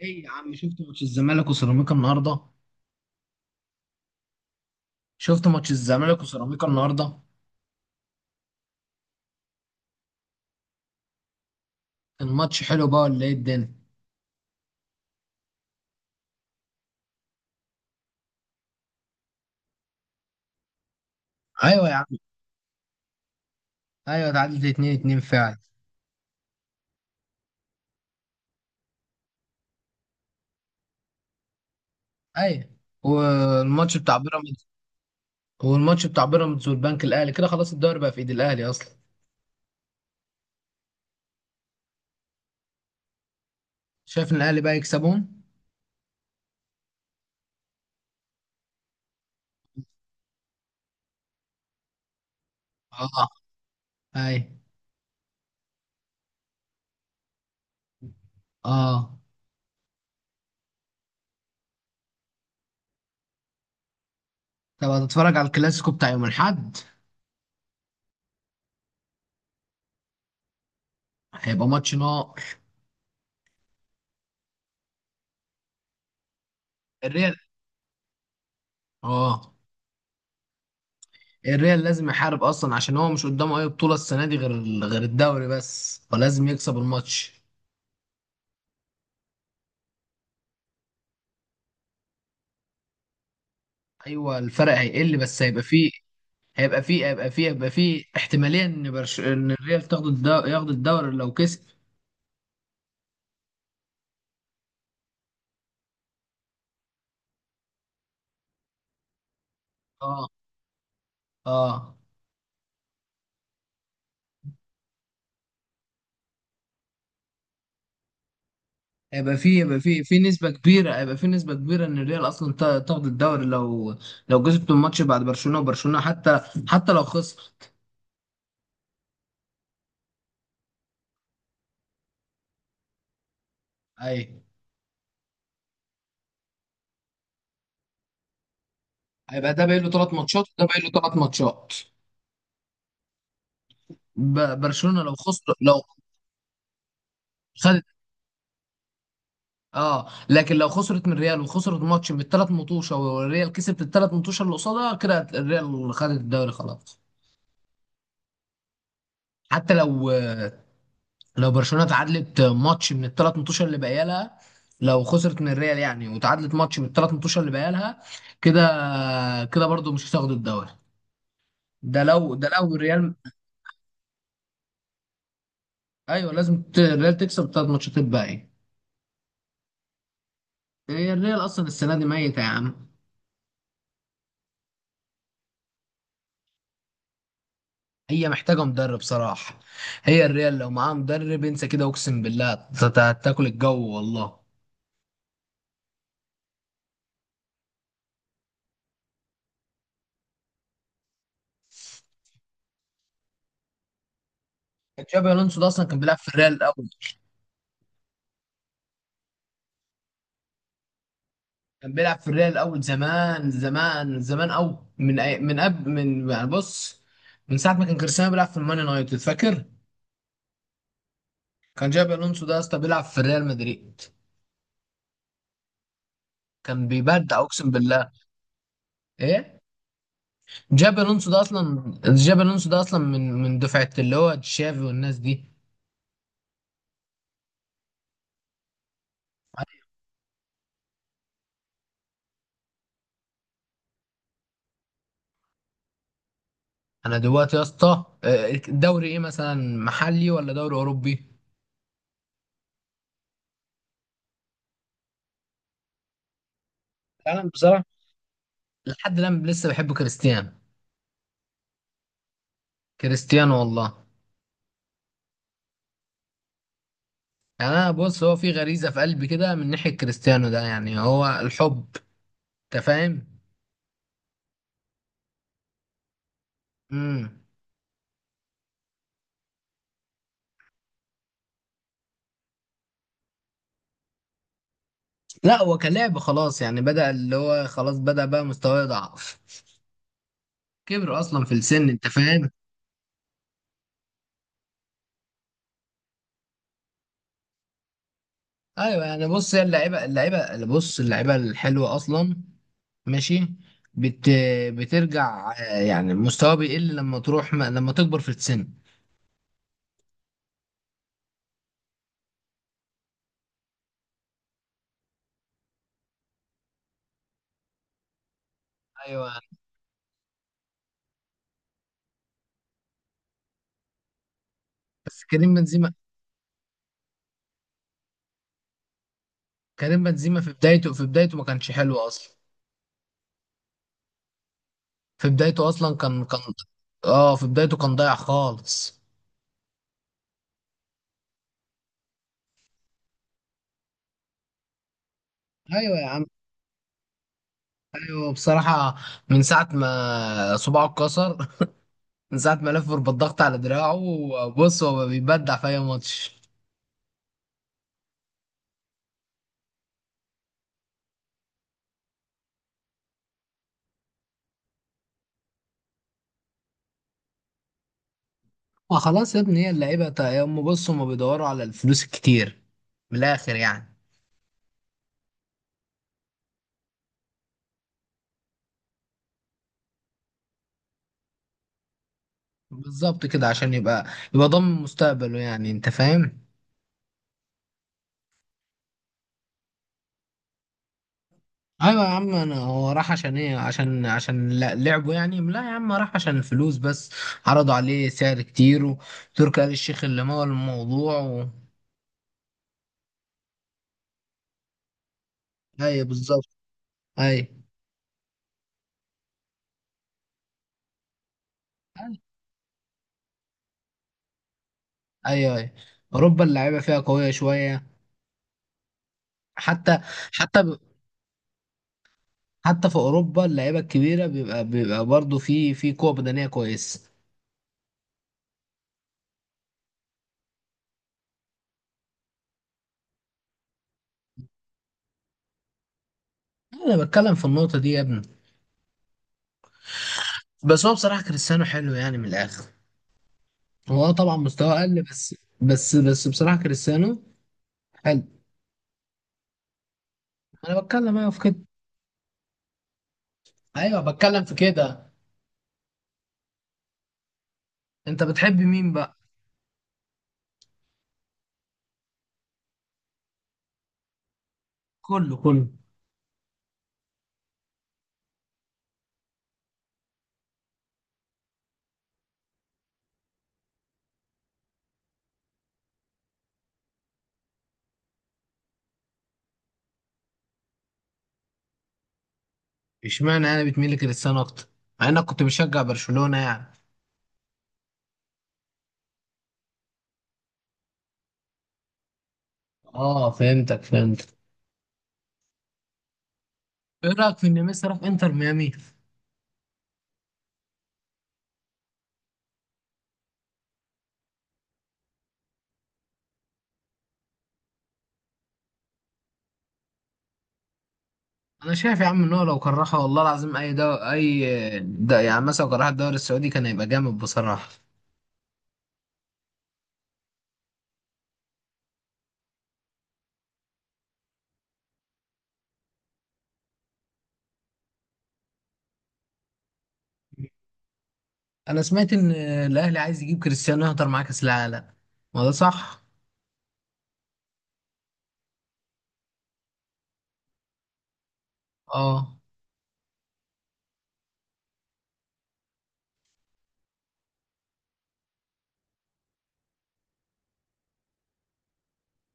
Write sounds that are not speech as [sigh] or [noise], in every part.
ايه يا عم، شفت ماتش الزمالك وسيراميكا النهارده؟ شفت ماتش الزمالك وسيراميكا النهارده؟ الماتش حلو بقى ولا ايه الدنيا؟ ايوه يا عم. ايوه اتعادلت 2 2 فعلا. ايوه، والماتش بتاع بيراميدز، والماتش بتاع بيراميدز والبنك الاهلي كده خلاص الدوري بقى في ايد الاهلي اصلا. شايف ان الاهلي بقى يكسبون. اه. ايوه. اه. طب هتتفرج على الكلاسيكو بتاع يوم الاحد؟ هيبقى ماتش نار. الريال. اه. الريال لازم يحارب اصلا عشان هو مش قدامه اي بطولة السنة دي غير غير الدوري بس، فلازم يكسب الماتش. ايوه الفرق هيقل بس هيبقى فيه، هيبقى فيه، هيبقى فيه، احتمالية ان الريال تاخد الدوري، ياخد الدوري لو كسب. اه. اه. هيبقى فيه، هيبقى فيه في نسبة كبيرة، هيبقى فيه نسبة كبيرة ان الريال اصلا تاخد الدوري لو لو كسبت الماتش بعد برشلونة، وبرشلونة حتى حتى لو خسر. ايوه هيبقى ده باقي له ثلاث ماتشات وده باقي له ثلاث ماتشات. برشلونة لو خسر لو خد. اه لكن لو خسرت من ريال وخسرت ماتش بالثلاث مطوشه، والريال كسبت الثلاث مطوشه اللي قصادها، كده الريال خدت الدوري خلاص. حتى لو لو برشلونه اتعادلت ماتش من الثلاث مطوشه اللي باقيه لها، لو خسرت من الريال يعني وتعادلت ماتش من الثلاث مطوشه اللي باقيه لها، كده كده برضو مش هتاخد الدوري. ده لو ده لو الريال. ايوه لازم الريال تكسب الثلاث ماتشات الباقيه. هي الريال اصلا السنه دي ميته يا عم. هي محتاجة مدرب صراحة. هي الريال لو معاها مدرب انسى كده، اقسم بالله هتاكل الجو والله. تشابي الونسو ده اصلا كان بيلعب في الريال الاول. كان بيلعب في الريال الاول زمان زمان زمان قوي، من قبل، من يعني بص، من ساعة ما كان كريستيانو بيلعب في المان يونايتد، فاكر؟ كان جابي الونسو ده اصلا بيلعب في الريال مدريد. كان بيبدع اقسم بالله. ايه؟ جابي الونسو ده اصلا، جابي الونسو ده اصلا من من دفعة اللي هو تشافي والناس دي. انا دلوقتي يا اسطى، دوري ايه مثلا، محلي ولا دوري اوروبي؟ انا بصراحه لحد الان لسه بحب كريستيانو. كريستيانو والله. يعني انا بص، هو في غريزه في قلبي كده من ناحيه كريستيانو ده، يعني هو الحب، انت فاهم. امم لا هو كلاعب خلاص يعني بدأ، اللي هو خلاص بدأ بقى مستواه يضعف، كبر اصلا في السن، انت فاهم. ايوه يعني بص، هي اللعيبه، اللعيبه بص، اللعيبه الحلوه اصلا، ماشي، بت بترجع، يعني مستواه بيقل لما تروح ما... لما تكبر في السن. ايوه. بس كريم بنزيما، كريم بنزيما في بدايته، في بدايته ما كانش حلو اصلا. في بدايته اصلا كان اه في بدايته كان ضايع خالص. ايوه يا عم. ايوه بصراحه. من ساعه ما صباعه اتكسر [laughs] من ساعه ما لف بالضغط على دراعه. بص هو بيبدع في اي ماتش. وخلاص يا ابني، هي اللعيبه هم بصوا، هم بيدوروا على الفلوس الكتير، من الاخر يعني. بالظبط كده عشان يبقى يبقى ضامن مستقبله يعني، انت فاهم. ايوه يا عم. انا هو راح عشان ايه؟ عشان لعبه يعني؟ لا يا عم راح عشان الفلوس بس. عرضوا عليه سعر كتير، وتركي آل الشيخ اللي مول الموضوع ايوه بالظبط. ايوه ايوه ايوه. اوروبا اللعيبه فيها قويه شويه. حتى حتى حتى في اوروبا اللعيبه الكبيره بيبقى برضه في قوه بدنيه كويسه. انا بتكلم في النقطه دي يا ابني. بس هو بصراحه كريستيانو حلو يعني من الاخر. هو آه طبعا مستواه اقل بس. بس بصراحه كريستيانو حلو. انا بتكلم ايوه في كده. ايوه بتكلم في كده. انت بتحب مين بقى؟ كله كله. اشمعنى انا بتميل لكريستيانو اكتر مع انك كنت بشجع برشلونه يعني؟ اه فهمتك فهمتك. ايه رايك في ان ميسي راح انتر ميامي؟ انا شايف يا عم ان هو لو كرهها والله العظيم اي ده يعني مثلا لو كرهها الدوري السعودي كان هيبقى جامد بصراحه. انا سمعت ان الاهلي عايز يجيب كريستيانو يهضر معاه كاس العالم، ما ده صح؟ اه.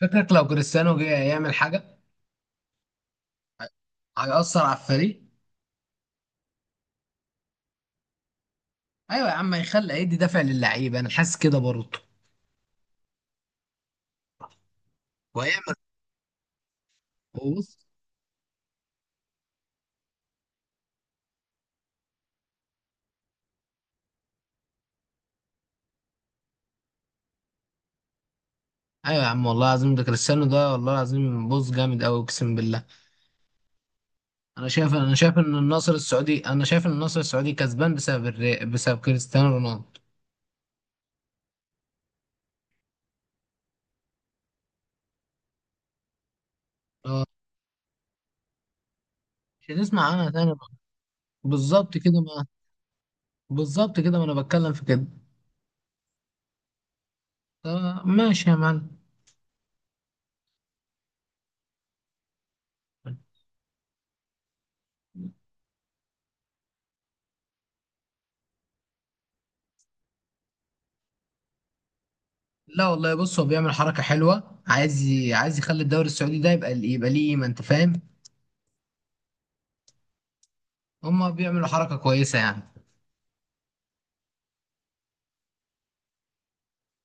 فكرك لو كريستيانو جه يعمل حاجه، هيأثر على الفريق؟ ايوه يا عم، هيدي دافع للعيبه، انا حاسس كده برضه. وهيعمل بص. ايوه يا عم والله العظيم، ده كريستيانو ده والله العظيم بص، جامد قوي اقسم بالله. انا شايف ان النصر السعودي كسبان بسبب بسبب كريستيانو رونالدو. آه. مش هتسمع عنها تاني بقى. بالظبط كده ما بالظبط كده، ما انا بتكلم في كده. آه، ماشي يا معلم. لا والله بص، هو بيعمل حركة حلوة، عايز عايز يخلي الدوري السعودي ده يبقى، يبقى ليه قيمة، انت فاهم. هما بيعملوا حركة كويسة يعني.